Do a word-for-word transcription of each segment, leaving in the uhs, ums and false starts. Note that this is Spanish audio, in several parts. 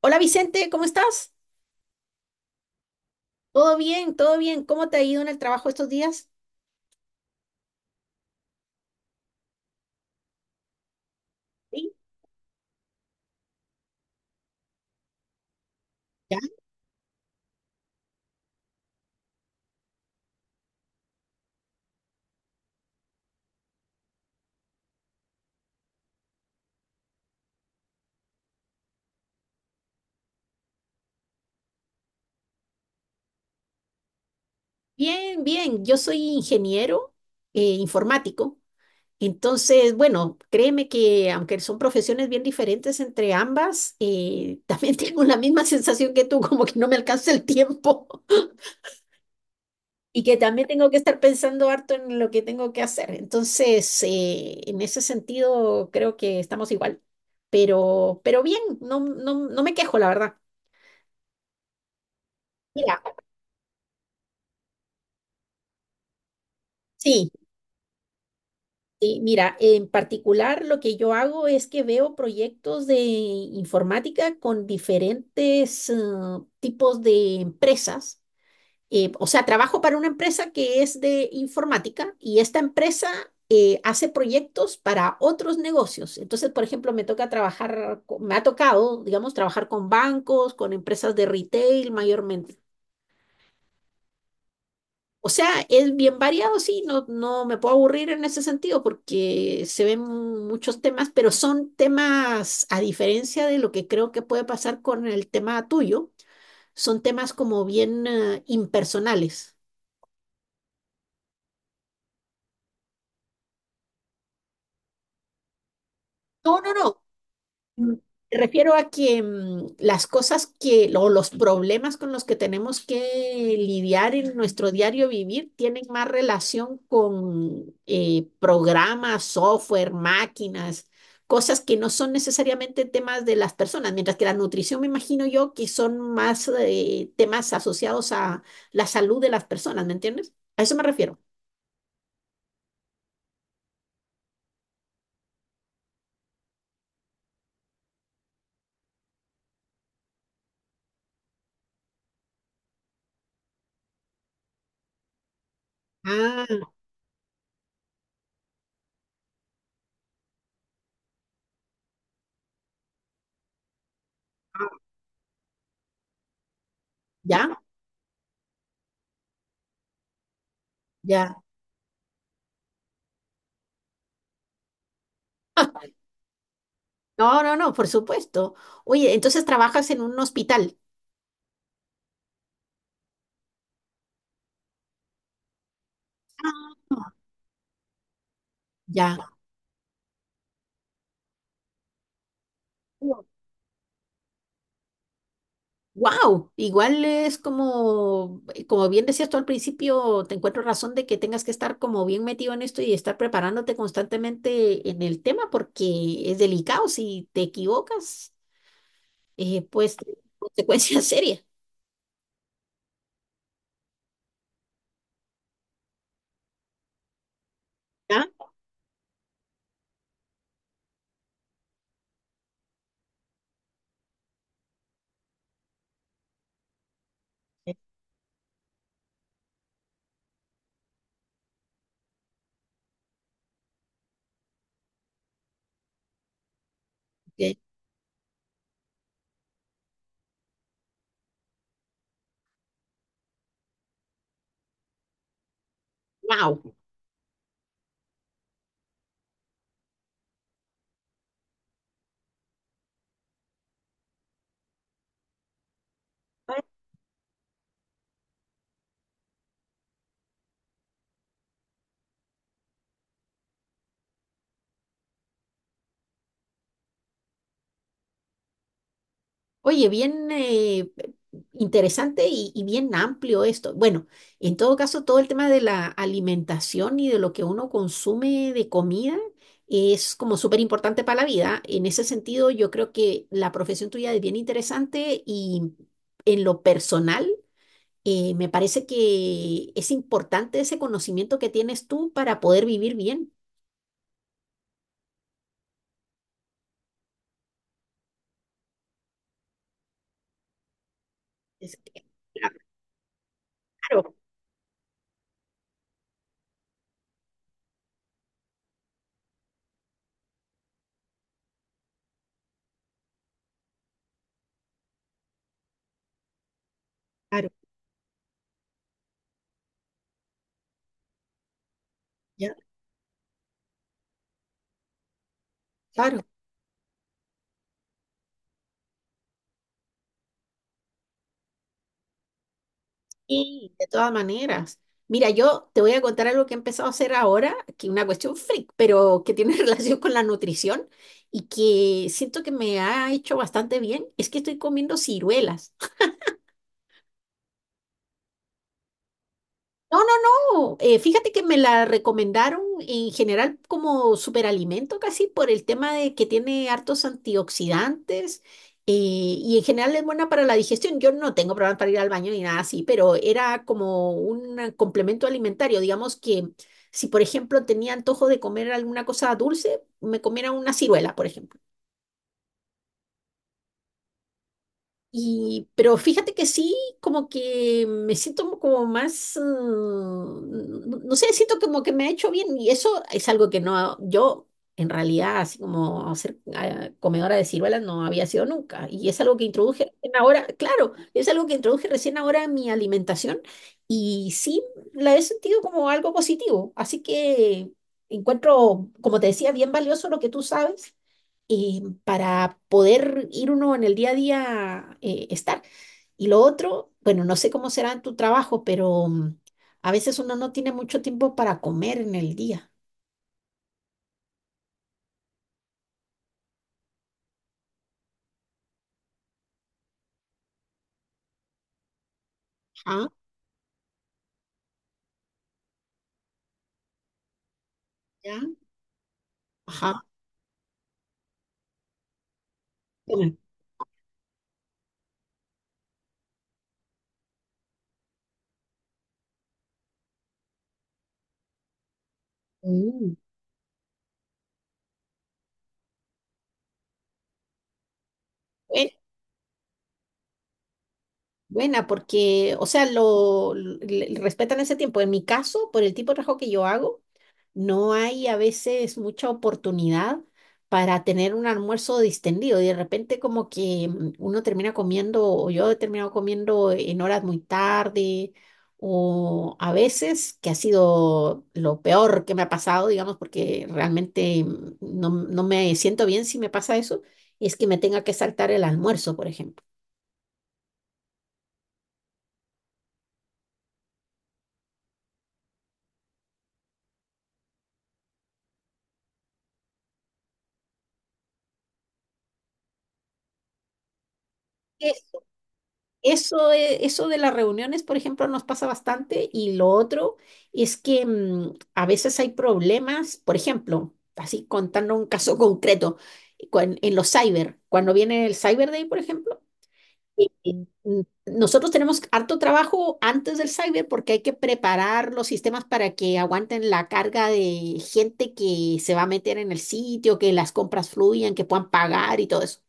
Hola Vicente, ¿cómo estás? ¿Todo bien? ¿Todo bien? ¿Cómo te ha ido en el trabajo estos días? Sí, ya. Bien, bien. Yo soy ingeniero eh, informático. Entonces, bueno, créeme que aunque son profesiones bien diferentes entre ambas, eh, también tengo la misma sensación que tú, como que no me alcanza el tiempo y que también tengo que estar pensando harto en lo que tengo que hacer. Entonces, eh, en ese sentido, creo que estamos igual. Pero, pero bien, no, no, no me quejo, la verdad. Mira, sí. Sí, mira, en particular lo que yo hago es que veo proyectos de informática con diferentes eh, tipos de empresas. Eh, o sea, trabajo para una empresa que es de informática y esta empresa eh, hace proyectos para otros negocios. Entonces, por ejemplo, me toca trabajar, co- me ha tocado, digamos, trabajar con bancos, con empresas de retail mayormente. O sea, es bien variado, sí, no, no me puedo aburrir en ese sentido porque se ven muchos temas, pero son temas, a diferencia de lo que creo que puede pasar con el tema tuyo, son temas como bien eh, impersonales. No, no, no. Mm, refiero a que mm, las cosas que, o los problemas con los que tenemos que lidiar en nuestro diario vivir tienen más relación con eh, programas, software, máquinas, cosas que no son necesariamente temas de las personas, mientras que la nutrición me imagino yo que son más eh, temas asociados a la salud de las personas, ¿me entiendes? A eso me refiero. Ah, ya, ya. No, no, no, por supuesto. Oye, entonces trabajas en un hospital. Ya. Wow, igual es como, como bien decías tú al principio, te encuentro razón de que tengas que estar como bien metido en esto y estar preparándote constantemente en el tema porque es delicado. Si te equivocas, eh, pues consecuencias serias. ¿Ya? Wow. Oye, bien, eh, interesante y, y bien amplio esto. Bueno, en todo caso, todo el tema de la alimentación y de lo que uno consume de comida es como súper importante para la vida. En ese sentido, yo creo que la profesión tuya es bien interesante y en lo personal, eh, me parece que es importante ese conocimiento que tienes tú para poder vivir bien. Es- claro, claro, ya, claro. Sí, de todas maneras. Mira, yo te voy a contar algo que he empezado a hacer ahora, que es una cuestión freak, pero que tiene relación con la nutrición y que siento que me ha hecho bastante bien, es que estoy comiendo ciruelas. No, no, no. Eh, fíjate que me la recomendaron en general como superalimento casi por el tema de que tiene hartos antioxidantes, eh, y en general es buena para la digestión. Yo no tengo problemas para ir al baño ni nada así, pero era como un eh, complemento alimentario. Digamos que si, por ejemplo, tenía antojo de comer alguna cosa dulce, me comiera una ciruela, por ejemplo. Y, pero fíjate que sí, como que me siento como más, mm, no no sé, siento como que me ha hecho bien y eso es algo que no, yo en realidad, así como ser ah, comedora de ciruelas no había sido nunca y es algo que introduje recién ahora, claro, es algo que introduje recién ahora en mi alimentación y sí la he sentido como algo positivo, así que encuentro, como te decía, bien valioso lo que tú sabes, eh, para poder ir uno en el día a día eh, estar. Y lo otro, bueno, no sé cómo será en tu trabajo, pero mm, a veces uno no tiene mucho tiempo para comer en el día. Ajá, ya, ajá. Bueno, mm, buen- buena, porque, o sea, lo, l- le- respetan ese tiempo. En mi caso, por el tipo de trabajo que yo hago, no hay a veces mucha oportunidad para tener un almuerzo distendido y de repente como que mm, uno termina comiendo o yo he terminado comiendo en horas muy tarde o a veces que ha sido lo peor que me ha pasado, digamos, porque realmente mm, no, no me siento bien si me pasa eso, es que me tenga que saltar el almuerzo, por ejemplo. Eso, eh, eso de las reuniones, por ejemplo, nos pasa bastante y lo otro es que mm, a veces hay problemas, por ejemplo, así contando un caso concreto, cuan- en los cyber, cuando viene el Cyber Day, por ejemplo, eh, eh, mm, nosotros tenemos harto trabajo antes del cyber porque hay que preparar los sistemas para que aguanten la carga de gente que se va a meter en el sitio, que las compras fluyan, que puedan pagar y todo eso.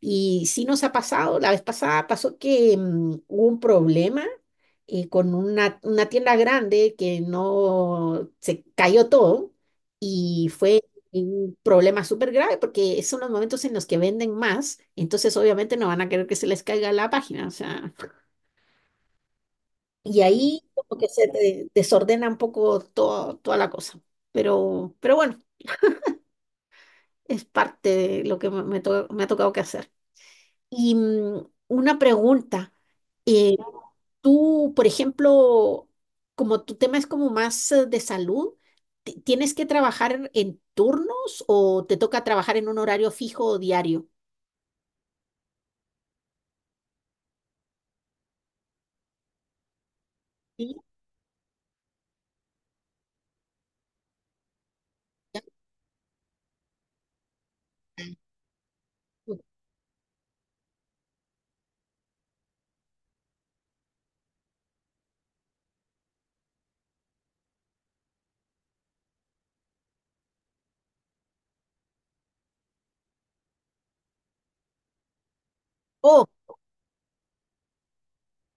Y sí nos ha pasado, la vez pasada pasó que mm, hubo un problema eh, con una, una tienda grande que no se cayó todo y fue un problema súper grave porque son los momentos en los que venden más, entonces obviamente no van a querer que se les caiga la página, o sea, y ahí como que se de- desordena un poco todo, toda la cosa, pero, pero bueno, es parte de lo que me, me to- me ha tocado que hacer. Y mm, una pregunta. eh, Tú, por ejemplo, como tu tema es como más eh, de salud, ti- ¿tienes que trabajar en turnos o te toca trabajar en un horario fijo o diario? Sí. Ya. Oh,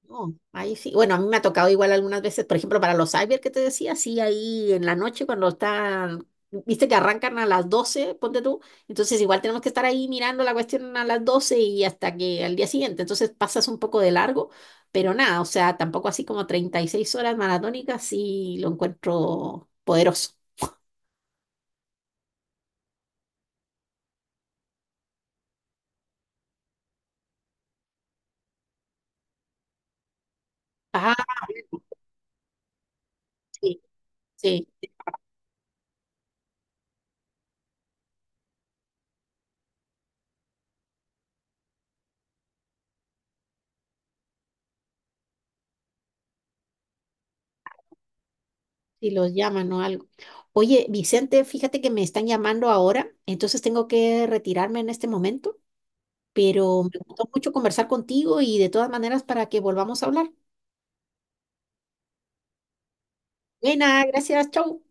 no, ahí sí. Bueno, a mí me ha tocado igual algunas veces, por ejemplo, para los cyber que te decía, sí, ahí en la noche cuando están, viste que arrancan a las doce ponte tú, entonces igual tenemos que estar ahí mirando la cuestión a las doce y hasta que al día siguiente, entonces pasas un poco de largo, pero nada, o sea, tampoco así como treinta y seis horas maratónicas, sí lo encuentro poderoso. Ah, sí, sí, sí, los llaman o algo. Oye, Vicente, fíjate que me están llamando ahora, entonces tengo que retirarme en este momento, pero me gustó mucho conversar contigo y de todas maneras para que volvamos a hablar. Buena, gracias, chau.